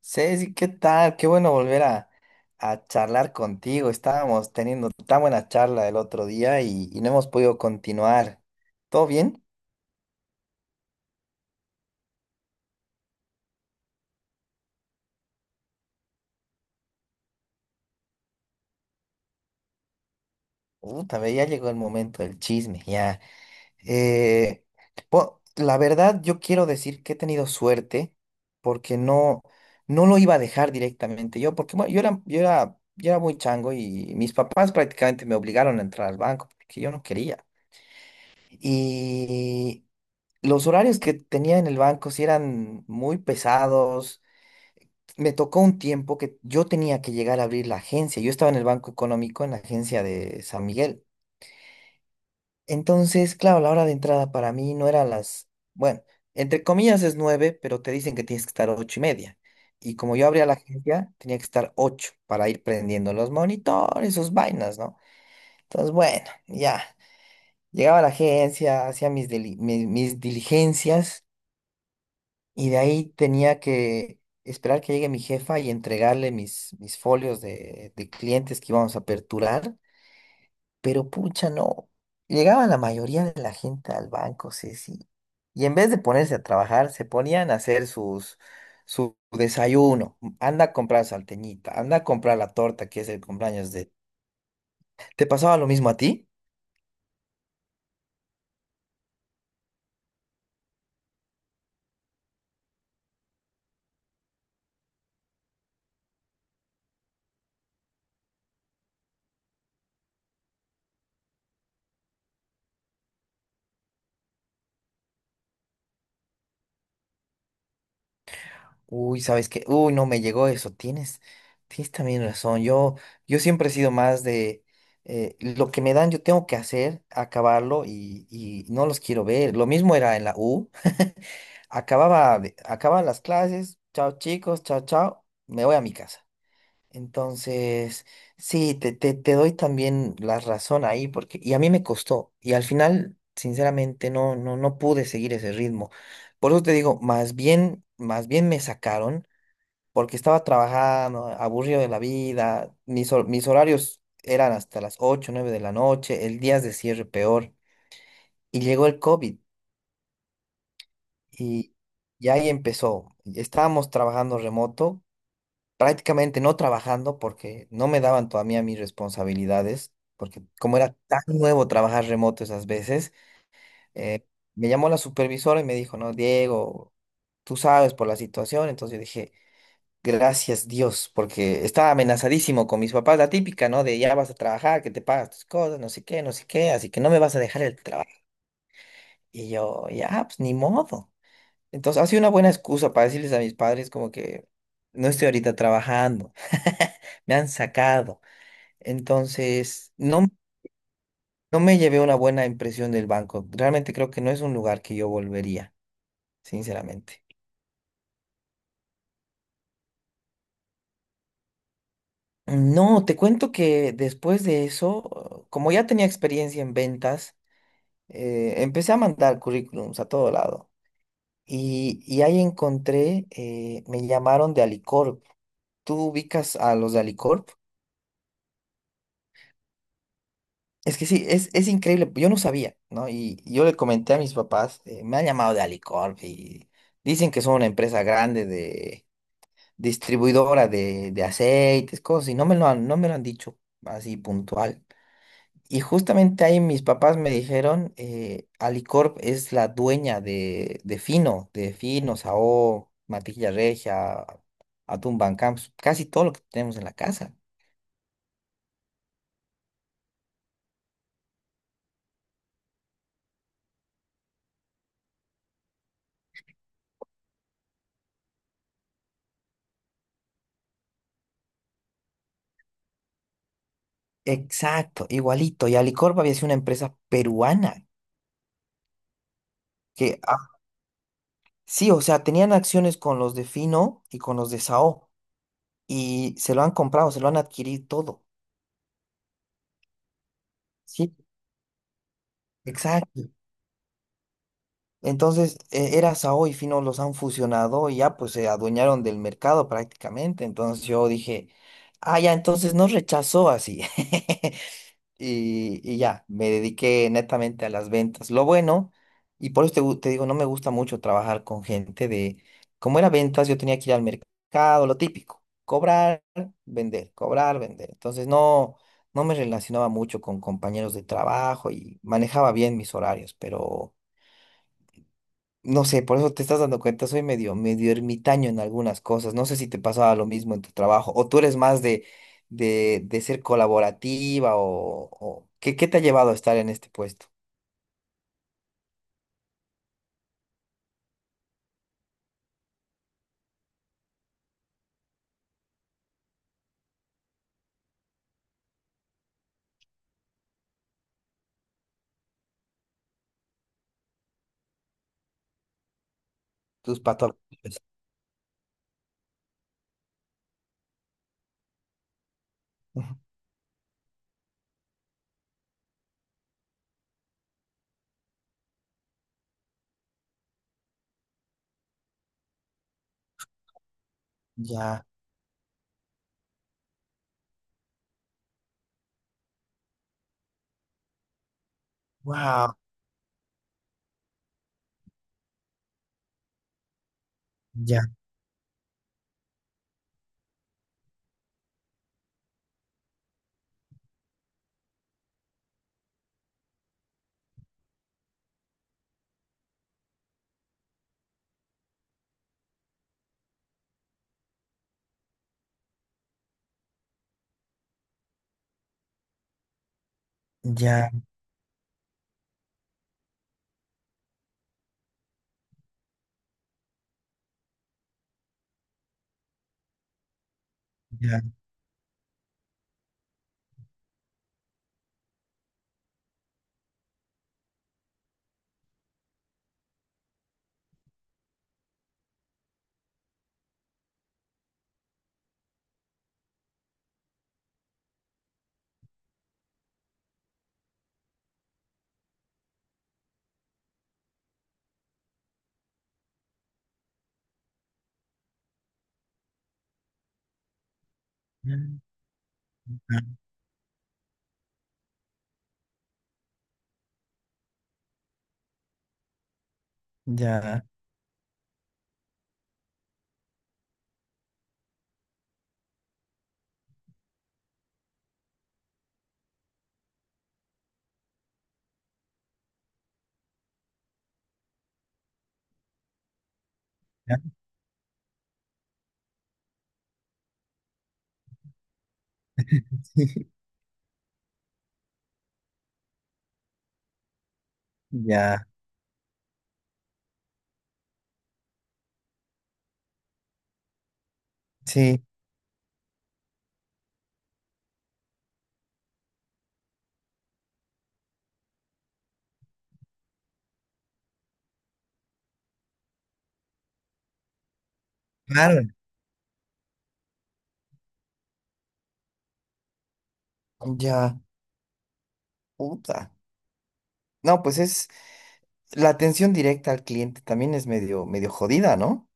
Ceci, ¿qué tal? Qué bueno volver a charlar contigo. Estábamos teniendo tan buena charla el otro día y no hemos podido continuar. ¿Todo bien? Puta, ve, ya llegó el momento del chisme, ya. Eh, la verdad, yo quiero decir que he tenido suerte porque no lo iba a dejar directamente yo, porque bueno, yo era muy chango y mis papás prácticamente me obligaron a entrar al banco porque yo no quería. Los horarios que tenía en el banco sí eran muy pesados. Me tocó un tiempo que yo tenía que llegar a abrir la agencia. Yo estaba en el Banco Económico, en la agencia de San Miguel. Entonces, claro, la hora de entrada para mí no era las, bueno, entre comillas es nueve, pero te dicen que tienes que estar ocho y media. Y como yo abría la agencia, tenía que estar ocho para ir prendiendo los monitores, sus vainas, ¿no? Entonces, bueno, ya. Llegaba a la agencia, hacía mis, deli- mis mis diligencias. Y de ahí tenía que esperar que llegue mi jefa y entregarle mis, mis folios de clientes que íbamos a aperturar. Pero pucha, no. Llegaba la mayoría de la gente al banco, Ceci. Y en vez de ponerse a trabajar, se ponían a hacer sus, su desayuno. Anda a comprar salteñita, anda a comprar la torta que es el cumpleaños de... ¿Te pasaba lo mismo a ti? Uy, ¿sabes qué? Uy, no me llegó eso. Tienes también razón. Yo siempre he sido más de lo que me dan, yo tengo que hacer, acabarlo y no los quiero ver. Lo mismo era en la U. Acababan las clases. Chao, chicos. Chao, chao. Me voy a mi casa. Entonces, sí, te doy también la razón ahí porque, y a mí me costó. Y al final, sinceramente, no pude seguir ese ritmo. Por eso te digo, más bien me sacaron porque estaba trabajando, aburrido de la vida, mis horarios eran hasta las 8 9 de la noche, el día de cierre peor, y llegó el COVID y, y ahí empezó. Estábamos trabajando remoto, prácticamente no trabajando porque no me daban todavía mis responsabilidades, porque como era tan nuevo trabajar remoto esas veces, eh, me llamó la supervisora y me dijo, no, Diego, tú sabes por la situación, entonces yo dije... Gracias Dios, porque estaba amenazadísimo con mis papás, la típica, ¿no? De ya vas a trabajar, que te pagas tus cosas, no sé qué, no sé qué, así que no me vas a dejar el trabajo. Y yo, ya, pues ni modo. Entonces, ha sido una buena excusa para decirles a mis padres como que no estoy ahorita trabajando, me han sacado. Entonces, no, no me llevé una buena impresión del banco. Realmente creo que no es un lugar que yo volvería, sinceramente. No, te cuento que después de eso, como ya tenía experiencia en ventas, empecé a mandar currículums a todo lado y ahí encontré, me llamaron de Alicorp. ¿Tú ubicas a los de Alicorp? Es que sí, es increíble, yo no sabía, ¿no? Y yo le comenté a mis papás, me han llamado de Alicorp y dicen que son una empresa grande de distribuidora de aceites, cosas, y no me lo han dicho así puntual. Y justamente ahí mis papás me dijeron, Alicorp es la dueña de Fino, Sao, Matilla Regia, Atún Bancamps, casi todo lo que tenemos en la casa. Exacto, igualito. Y Alicorp había sido una empresa peruana que, ah, sí, o sea, tenían acciones con los de Fino y con los de Sao y se lo han comprado, se lo han adquirido todo. Sí, exacto. Entonces, era Sao y Fino los han fusionado y ya pues se adueñaron del mercado prácticamente. Entonces yo dije, ah, ya, entonces no rechazó así. Y ya, me dediqué netamente a las ventas. Lo bueno, y por eso te digo, no me gusta mucho trabajar con gente de, como era ventas, yo tenía que ir al mercado, lo típico, cobrar, vender, cobrar, vender. Entonces no, no me relacionaba mucho con compañeros de trabajo y manejaba bien mis horarios, pero... No sé, por eso te estás dando cuenta, soy medio, medio ermitaño en algunas cosas. No sé si te pasaba lo mismo en tu trabajo, o tú eres más de ser colaborativa, ¿qué, qué te ha llevado a estar en este puesto? Tus patos. Ya, wow, ya, ya, ya, ya, ya, ya, sí, claro, ya, puta. No, pues es la atención directa al cliente también es medio, medio jodida, ¿no?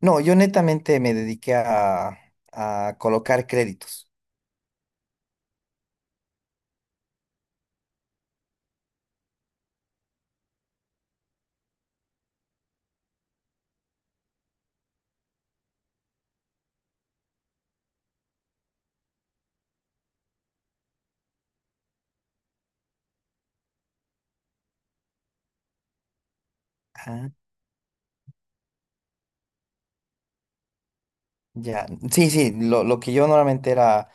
No, yo netamente me dediqué a colocar créditos. Ah, ya. Sí, sí, lo que yo normalmente era,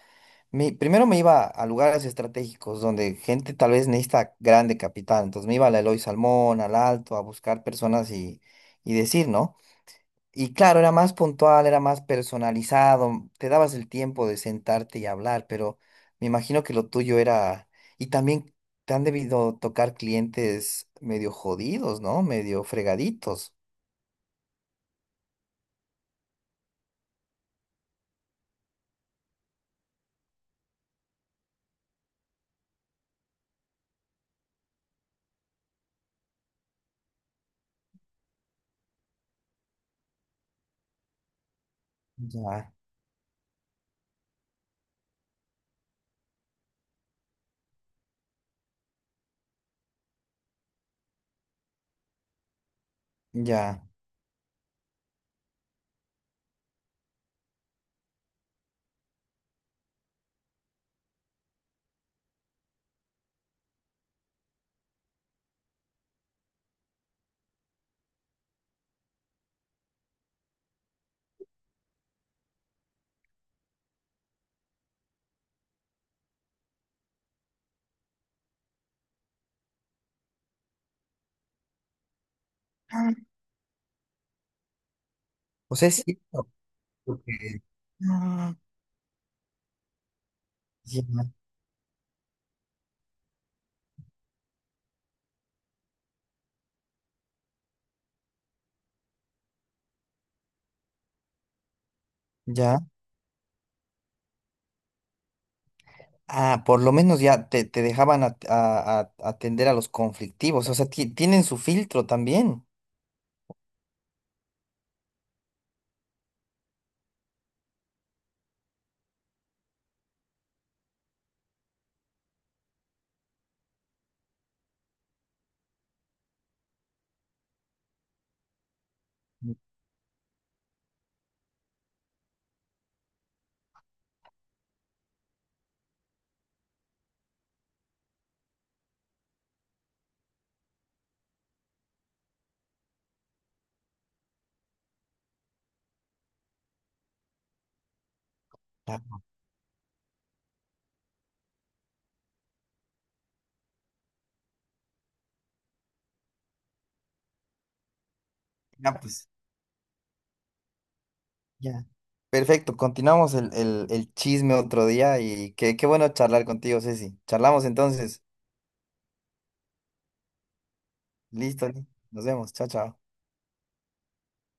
primero me iba a lugares estratégicos donde gente tal vez necesita grande capital. Entonces me iba a Eloy Salmón, al Alto, a buscar personas y decir, ¿no? Y claro, era más puntual, era más personalizado, te dabas el tiempo de sentarte y hablar, pero me imagino que lo tuyo era... Y también te han debido tocar clientes medio jodidos, ¿no? Medio fregaditos. Ya, ya. Ah. O sea, es cierto, porque... Ah, ya, ya. Ah, por lo menos ya te dejaban atender a los conflictivos, o sea, tienen su filtro también. Ya, ya, pues. Ya. Perfecto, continuamos el chisme otro día y qué, qué bueno charlar contigo, Ceci. Charlamos entonces. Listo, nos vemos. Chao, chao.